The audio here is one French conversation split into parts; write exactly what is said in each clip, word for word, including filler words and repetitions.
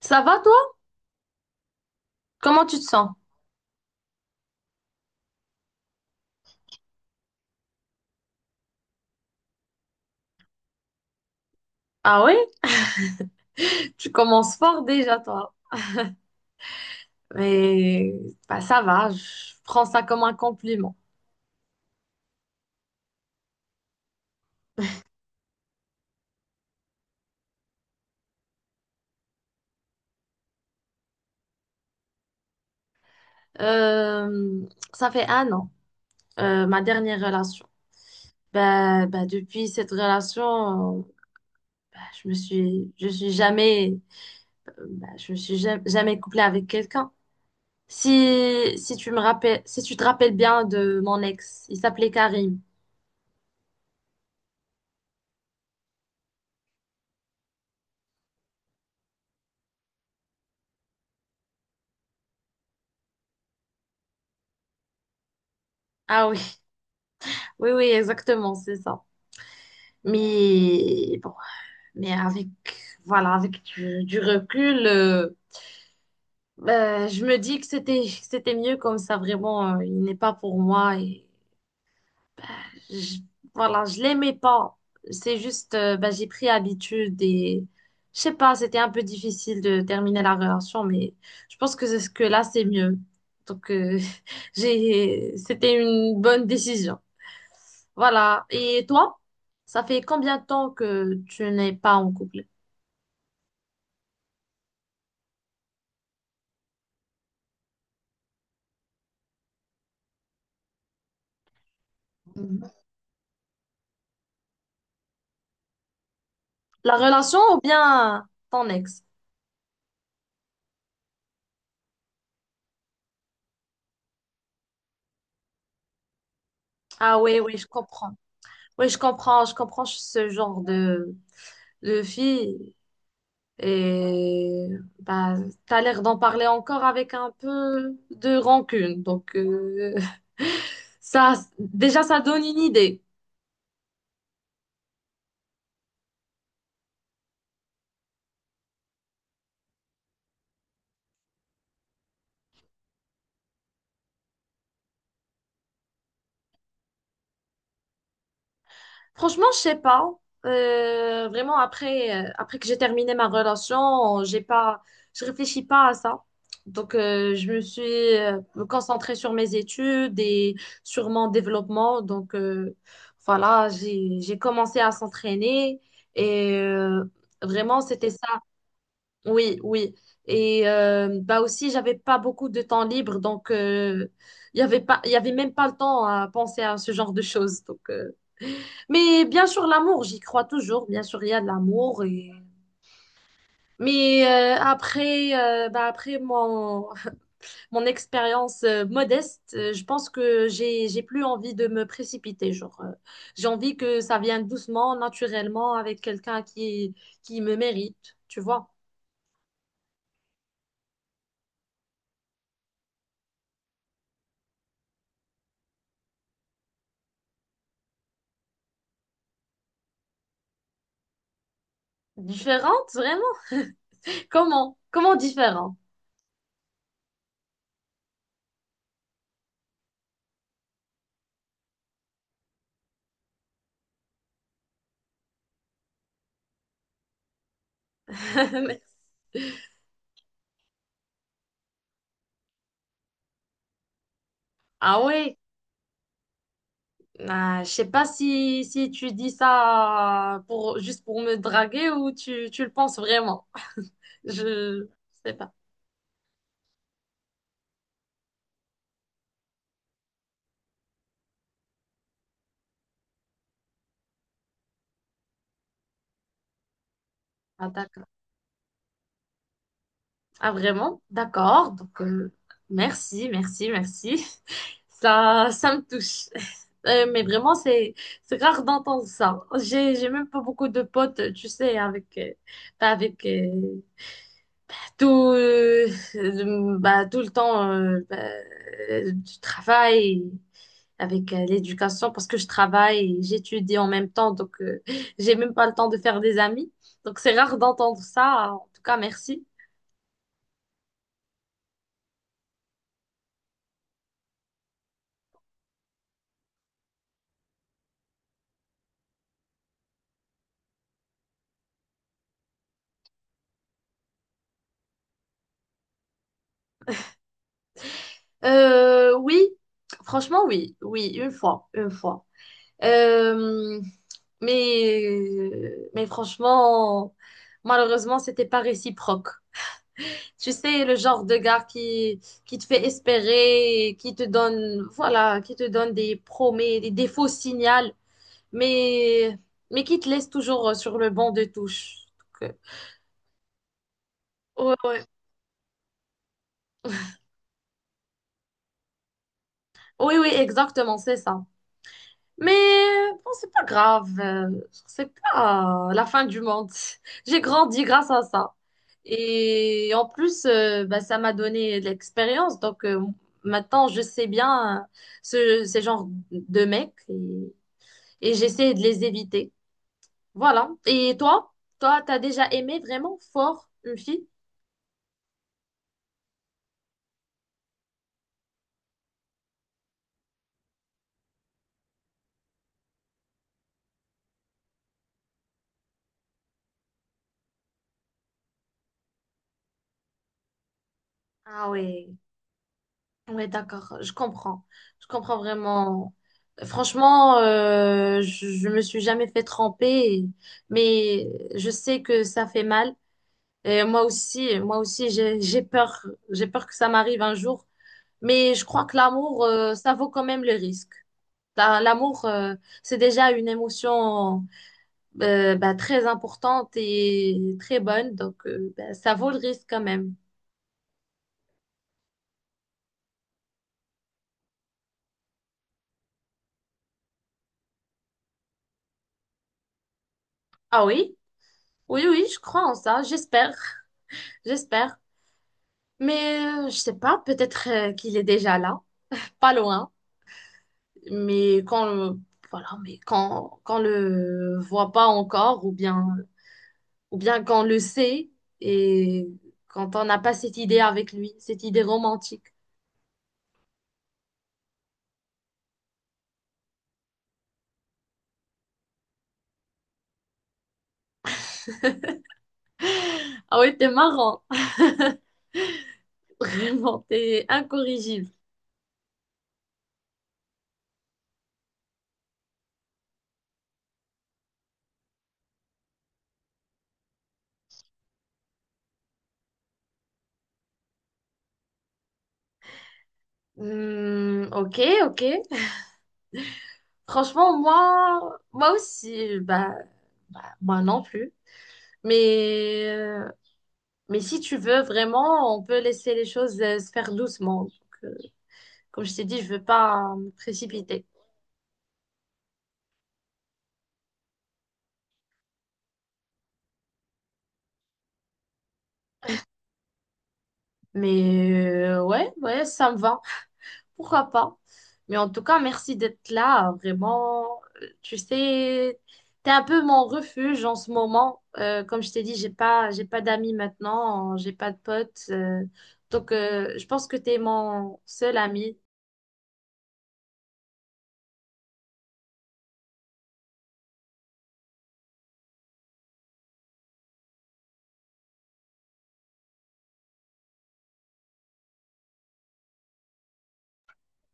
Ça va toi? Comment tu te sens? Ah oui? Tu commences fort déjà toi. Mais bah, ça va, je prends ça comme un compliment. Euh, Ça fait un an, euh, ma dernière relation. Bah, bah, depuis cette relation, euh, bah, je me suis, je suis jamais, euh, bah, je me suis ja- jamais couplée avec quelqu'un. Si, si tu me rappelles, si tu te rappelles bien de mon ex, il s'appelait Karim. Ah oui, oui, oui, exactement, c'est ça. Mais bon. Mais avec, voilà, avec du, du recul, euh, euh, je me dis que c'était, que c'était mieux comme ça, vraiment, euh, il n'est pas pour moi. Et je- voilà, je l'aimais pas. C'est juste, euh, bah, j'ai pris habitude et je sais pas, c'était un peu difficile de terminer la relation, mais je pense que c'est ce que là, c'est mieux. Donc, euh, j'ai, c'était une bonne décision. Voilà. Et toi, ça fait combien de temps que tu n'es pas en couple? La relation ou bien ton ex? Ah oui, oui, je comprends. Oui, je comprends, je comprends ce genre de, de fille. Et bah, t'as l'air d'en parler encore avec un peu de rancune. Donc, euh, ça, déjà, ça donne une idée. Franchement, je sais pas. Euh, vraiment, après, euh, après que j'ai terminé ma relation, j'ai pas, je réfléchis pas à ça. Donc, euh, je me suis euh, concentrée sur mes études et sur mon développement. Donc, euh, voilà, j'ai, j'ai commencé à s'entraîner et euh, vraiment, c'était ça. Oui, oui. Et euh, bah aussi, j'avais pas beaucoup de temps libre, donc euh, il y avait pas, il y avait même pas le temps à penser à ce genre de choses. Donc, euh, mais bien sûr, l'amour, j'y crois toujours. Bien sûr, il y a de l'amour. Et... Mais euh, après, euh, bah, après mon, mon expérience euh, modeste, euh, je pense que j'ai, j'ai plus envie de me précipiter. Genre, euh, j'ai envie que ça vienne doucement, naturellement, avec quelqu'un qui, qui me mérite. Tu vois? Différente, vraiment? Comment? Comment différent? Ah ouais. Ah, je sais pas si, si tu dis ça pour, juste pour me draguer ou tu, tu le penses vraiment. Je sais pas. Ah, d'accord. Ah, vraiment? D'accord. Donc, euh, merci, merci, merci. Ça, ça me touche. Euh, mais vraiment, c'est, c'est rare d'entendre ça. J'ai, j'ai même pas beaucoup de potes, tu sais, avec, euh, bah, avec euh, tout, euh, bah, tout le temps euh, bah, euh, du travail. Avec euh, l'éducation parce que je travaille et j'étudie en même temps, donc euh, j'ai même pas le temps de faire des amis. Donc c'est rare d'entendre ça. En tout cas, merci. Euh, oui, franchement, oui, oui, une fois, une fois. Euh, mais, mais franchement, malheureusement, c'était pas réciproque. Tu sais, le genre de gars qui, qui te fait espérer, qui te donne, voilà, qui te donne des promesses, des, des faux signaux mais, mais qui te laisse toujours euh, sur le banc de touche. Donc, euh, Ouais, ouais. Euh, oui, oui, exactement, c'est ça. Mais euh, bon, c'est pas grave, euh, c'est pas euh, la fin du monde. J'ai grandi grâce à ça. Et en plus, euh, bah, ça m'a donné de l'expérience. Donc euh, maintenant, je sais bien euh, ce, ces genres de mecs et, et j'essaie de les éviter. Voilà. Et toi, toi, t'as déjà aimé vraiment fort une fille? Ah ouais. Ouais, d'accord, je comprends. Je comprends vraiment. Franchement, euh, je, je me suis jamais fait tremper, et- mais je sais que ça fait mal. Et moi aussi, moi aussi, j'ai, j'ai peur, j'ai peur que ça m'arrive un jour. Mais je crois que l'amour, euh, ça vaut quand même le risque. La- L'amour, euh, c'est déjà une émotion euh, bah, très importante et très bonne, donc euh, bah, ça vaut le risque quand même. Ah oui? Oui, oui, je crois en ça, j'espère, j'espère. Mais euh, je sais pas, peut-être euh, qu'il est déjà là, pas loin, mais quand euh, voilà, mais quand quand on le voit pas encore ou bien ou bien quand on le sait et quand on n'a pas cette idée avec lui, cette idée romantique. Ah ouais, t'es marrant. Vraiment, t'es incorrigible. Hmm, ok, ok. Franchement, moi moi aussi bah, bah, moi non plus. Mais euh, mais si tu veux vraiment, on peut laisser les choses euh, se faire doucement. Donc, euh, Comme je t'ai dit, je veux pas euh, me précipiter. Mais euh, ouais, ouais, ça me va. Pourquoi pas? Mais en tout cas, merci d'être là. Vraiment. Euh, tu sais, t'es un peu mon refuge en ce moment. Euh, comme je t'ai dit, j'ai pas, j'ai pas d'amis maintenant, j'ai pas de potes. Euh, donc, euh, je pense que t'es mon seul ami.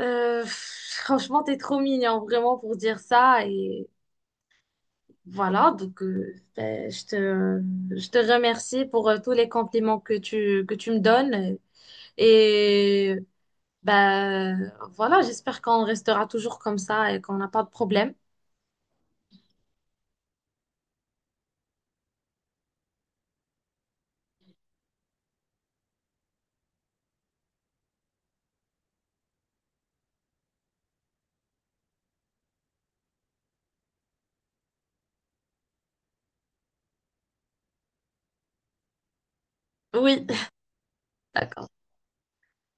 Euh, pff, franchement, t'es trop mignon, vraiment, pour dire ça. Et voilà, donc euh, ben, je te, je te remercie pour euh, tous les compliments que tu, que tu me donnes. Et ben, voilà, j'espère qu'on restera toujours comme ça et qu'on n'a pas de problème. Oui, d'accord.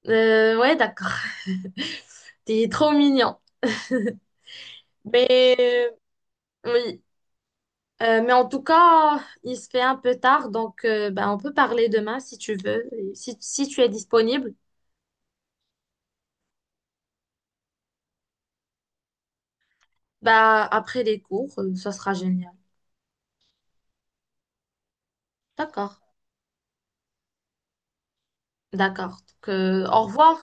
Euh, ouais, d'accord. T'es trop mignon. Mais euh, oui. Euh, mais en tout cas, il se fait un peu tard, donc euh, ben, on peut parler demain si tu veux. Et si, si tu es disponible, bah après les cours, euh, ça sera génial. D'accord. D'accord. Donc, euh, au revoir.